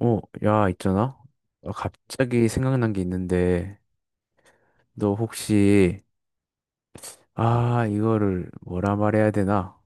어, 야, 있잖아. 어, 갑자기 생각난 게 있는데, 너 혹시, 아, 이거를 뭐라 말해야 되나?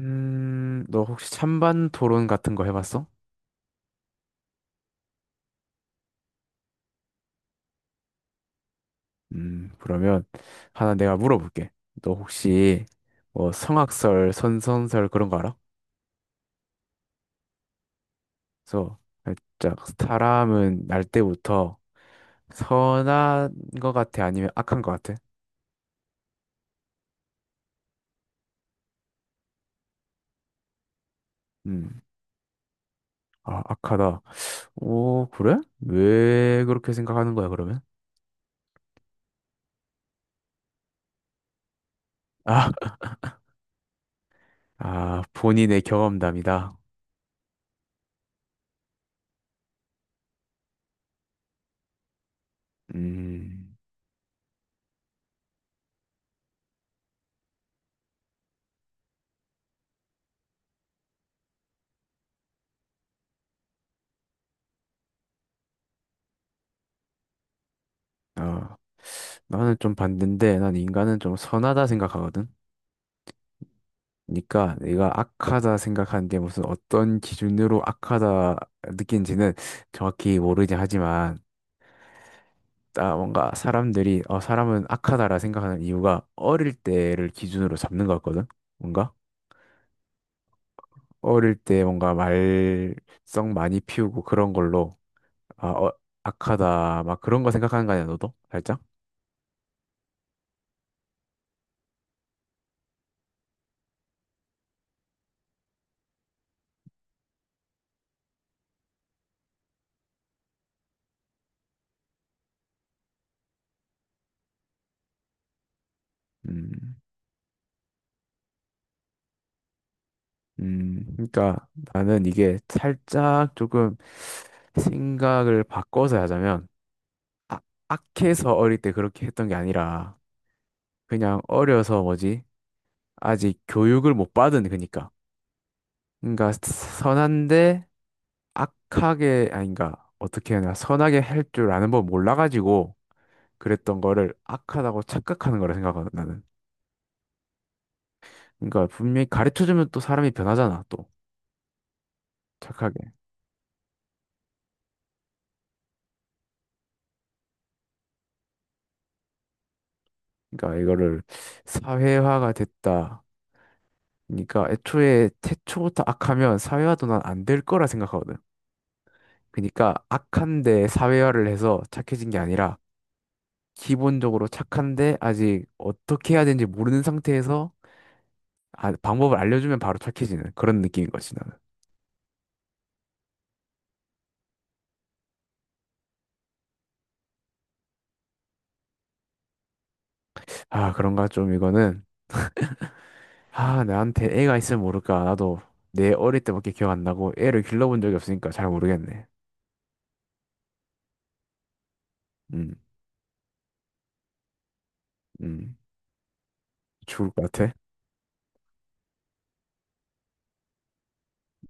너 혹시 찬반 토론 같은 거 해봤어? 그러면 하나 내가 물어볼게. 너 혹시 뭐 성악설, 선선설 그런 거 알아? 그래서 살짝 사람은 날 때부터 선한 거 같아? 아니면 악한 거 같아? 음, 아, 악하다. 오, 그래? 왜 그렇게 생각하는 거야, 그러면? 아, 아, 본인의 경험담이다. 음, 어, 나는 좀대인데 난 인간은 좀 선하다 생각하거든. 그러니까 내가 악하다 생각하는 게 무슨 어떤 기준으로 악하다 느낀지는 정확히 모르긴 하지만, 아, 뭔가 사람들이, 어, 사람은 악하다라 생각하는 이유가 어릴 때를 기준으로 잡는 것 같거든. 뭔가? 어릴 때 뭔가 말썽 많이 피우고 그런 걸로 아, 어, 악하다. 막 그런 거 생각하는 거 아니야, 너도? 살짝? 음, 그러니까 나는 이게 살짝 조금 생각을 바꿔서 하자면, 아, 악해서 어릴 때 그렇게 했던 게 아니라, 그냥 어려서 뭐지? 아직 교육을 못 받은 그니까. 그러니까 선한데 악하게 아닌가 어떻게 해야 되나 선하게 할 줄 아는 법 몰라가지고 그랬던 거를 악하다고 착각하는 거라 생각하거든 나는. 그러니까 분명히 가르쳐주면 또 사람이 변하잖아 또 착하게. 그러니까 이거를 사회화가 됐다. 그러니까 애초에 태초부터 악하면 사회화도 난 안 될 거라 생각하거든. 그러니까 악한데 사회화를 해서 착해진 게 아니라 기본적으로 착한데 아직 어떻게 해야 되는지 모르는 상태에서 아, 방법을 알려주면 바로 착해지는 그런 느낌인 거지 나는. 아 그런가 좀 이거는 아 나한테 애가 있으면 모를까 나도 내 어릴 때밖에 기억 안 나고 애를 길러본 적이 없으니까 잘 모르겠네. 음, 음, 죽을 것 같아.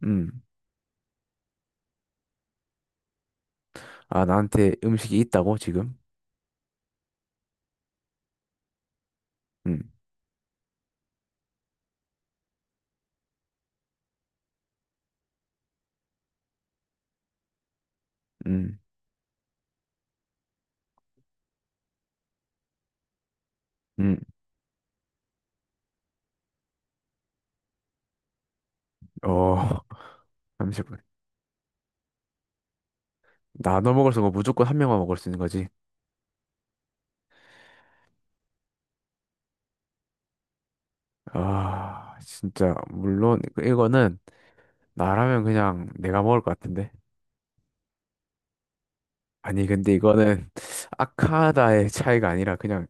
음, 아 나한테 음식이 있다고 지금? 음, 음, 음, 어, 잠시만. 나눠 먹을 수 없고 무조건 한 명만 먹을 수 있는 거지. 아, 진짜 물론 이거는 나라면 그냥 내가 먹을 것 같은데. 아니, 근데 이거는 아카다의 차이가 아니라 그냥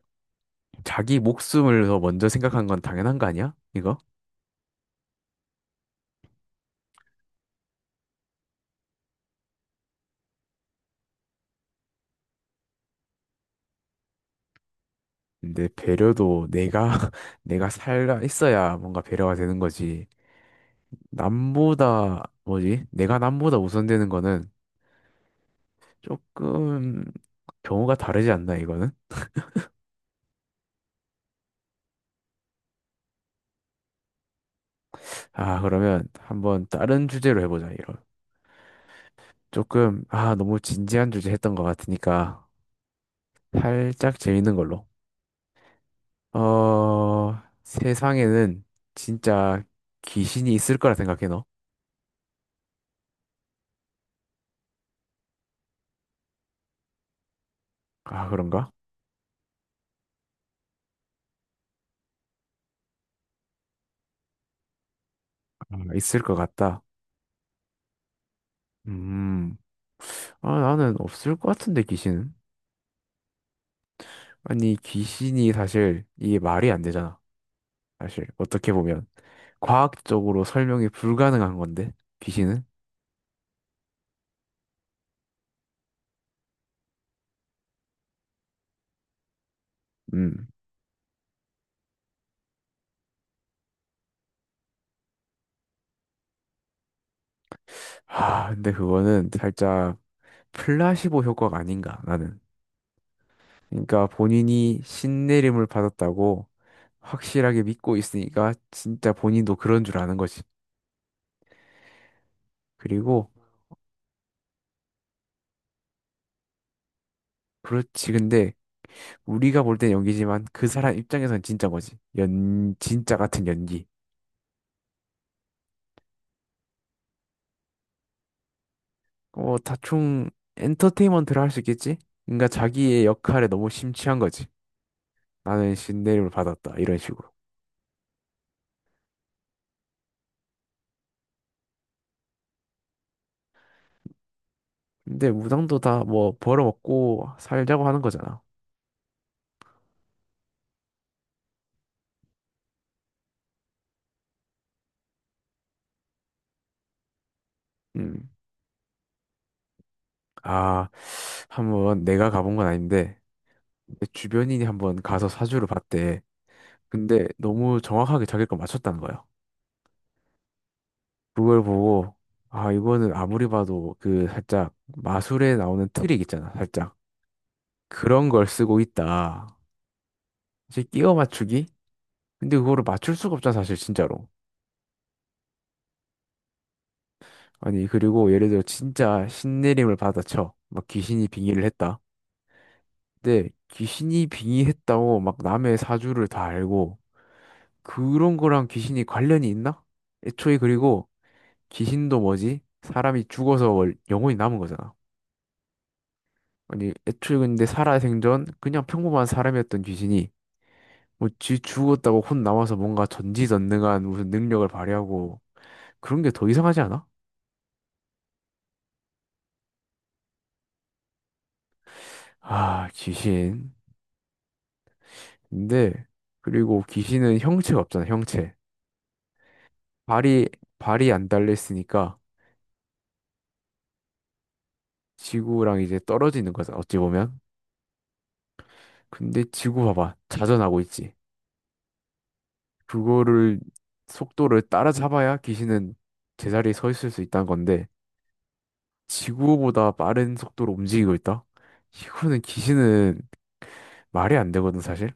자기 목숨을 더 먼저 생각한 건 당연한 거 아니야? 이거? 근데 배려도 내가, 내가 살아 있어야 뭔가 배려가 되는 거지. 남보다, 뭐지? 내가 남보다 우선되는 거는 조금 경우가 다르지 않나, 이거는? 아, 그러면 한번 다른 주제로 해보자, 이런. 조금, 아, 너무 진지한 주제 했던 것 같으니까 살짝 재밌는 걸로. 어, 세상에는 진짜 귀신이 있을 거라 생각해, 너? 아, 그런가? 아, 있을 것 같다. 음, 아, 나는 없을 것 같은데, 귀신은? 아니, 귀신이 사실 이게 말이 안 되잖아. 사실, 어떻게 보면. 과학적으로 설명이 불가능한 건데, 귀신은? 음. 아, 근데 그거는 살짝 플라시보 효과가 아닌가, 나는. 그러니까 본인이 신내림을 받았다고 확실하게 믿고 있으니까 진짜 본인도 그런 줄 아는 거지. 그리고 그렇지. 근데 우리가 볼 땐 연기지만 그 사람 입장에선 진짜 거지. 연 진짜 같은 연기. 어, 다충 엔터테인먼트를 할 수 있겠지? 그러니까 자기의 역할에 너무 심취한 거지. 나는 신내림을 받았다. 이런 식으로. 근데 무당도 다 뭐 벌어먹고 살자고 하는 거잖아. 음. 아, 한번 내가 가본 건 아닌데 내 주변인이 한번 가서 사주를 봤대. 근데 너무 정확하게 자기 걸 맞췄다는 거예요. 그걸 보고 아 이거는 아무리 봐도 그 살짝 마술에 나오는 트릭 있잖아. 살짝 그런 걸 쓰고 있다. 이제 끼워 맞추기? 근데 그거를 맞출 수가 없잖아 사실 진짜로. 아니 그리고 예를 들어 진짜 신내림을 받아쳐. 막 귀신이 빙의를 했다. 근데 귀신이 빙의했다고 막 남의 사주를 다 알고 그런 거랑 귀신이 관련이 있나? 애초에 그리고 귀신도 뭐지? 사람이 죽어서 월- 영혼이 남은 거잖아. 아니, 애초에 근데 살아생전 그냥 평범한 사람이었던 귀신이 뭐 쥐 죽었다고 혼 남아서 뭔가 전지전능한 무슨 능력을 발휘하고 그런 게 더 이상하지 않아? 아, 귀신. 근데 그리고 귀신은 형체가 없잖아, 형체. 발이 발이 안 달려 있으니까 지구랑 이제 떨어지는 거잖아, 어찌 보면. 근데 지구 봐봐. 자전하고 있지. 그거를 속도를 따라잡아야 귀신은 제자리에 서 있을 수 있다는 건데 지구보다 빠른 속도로 움직이고 있다? 이거는 기신은 말이 안 되거든, 사실.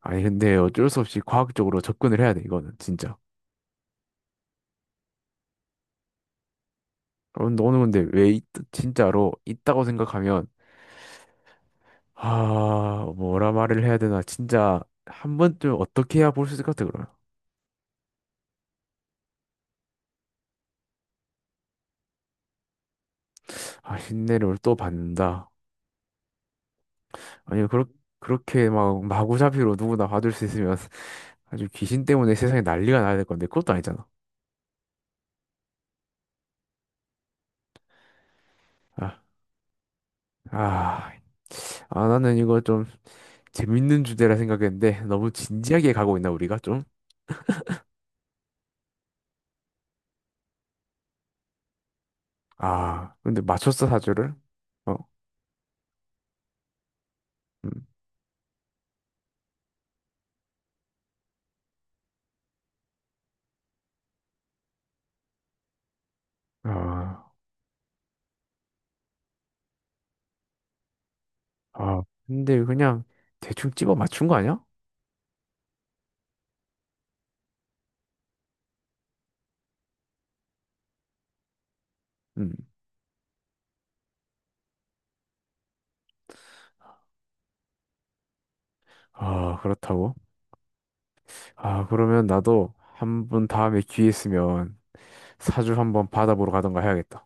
아니, 근데 어쩔 수 없이 과학적으로 접근을 해야 돼, 이거는, 진짜. 어, 너는 근데 왜, 있- 진짜로 있다고 생각하면, 아, 뭐라 말을 해야 되나, 진짜, 한 번쯤 어떻게 해야 볼 수 있을 것 같아, 그러면. 아, 흰내를 또 받는다. 아니, 그렇, 그렇게 막, 마구잡이로 누구나 봐줄 수 있으면, 아주 귀신 때문에 세상에 난리가 나야 될 건데, 그것도 아니잖아. 아, 아, 아, 나는 이거 좀, 재밌는 주제라 생각했는데 너무 진지하게 가고 있나 우리가 좀? 아, 근데 맞췄어 사주를? 어, 음. 아, 아, 근데 그냥 대충 집어 맞춘 거 아니야? 음. 아, 그렇다고? 아, 그러면 나도 한번 다음에 기회 있으면 사주 한번 받아보러 가던가 해야겠다.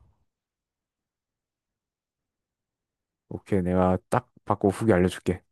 오케이, 내가 딱 받고 후기 알려줄게.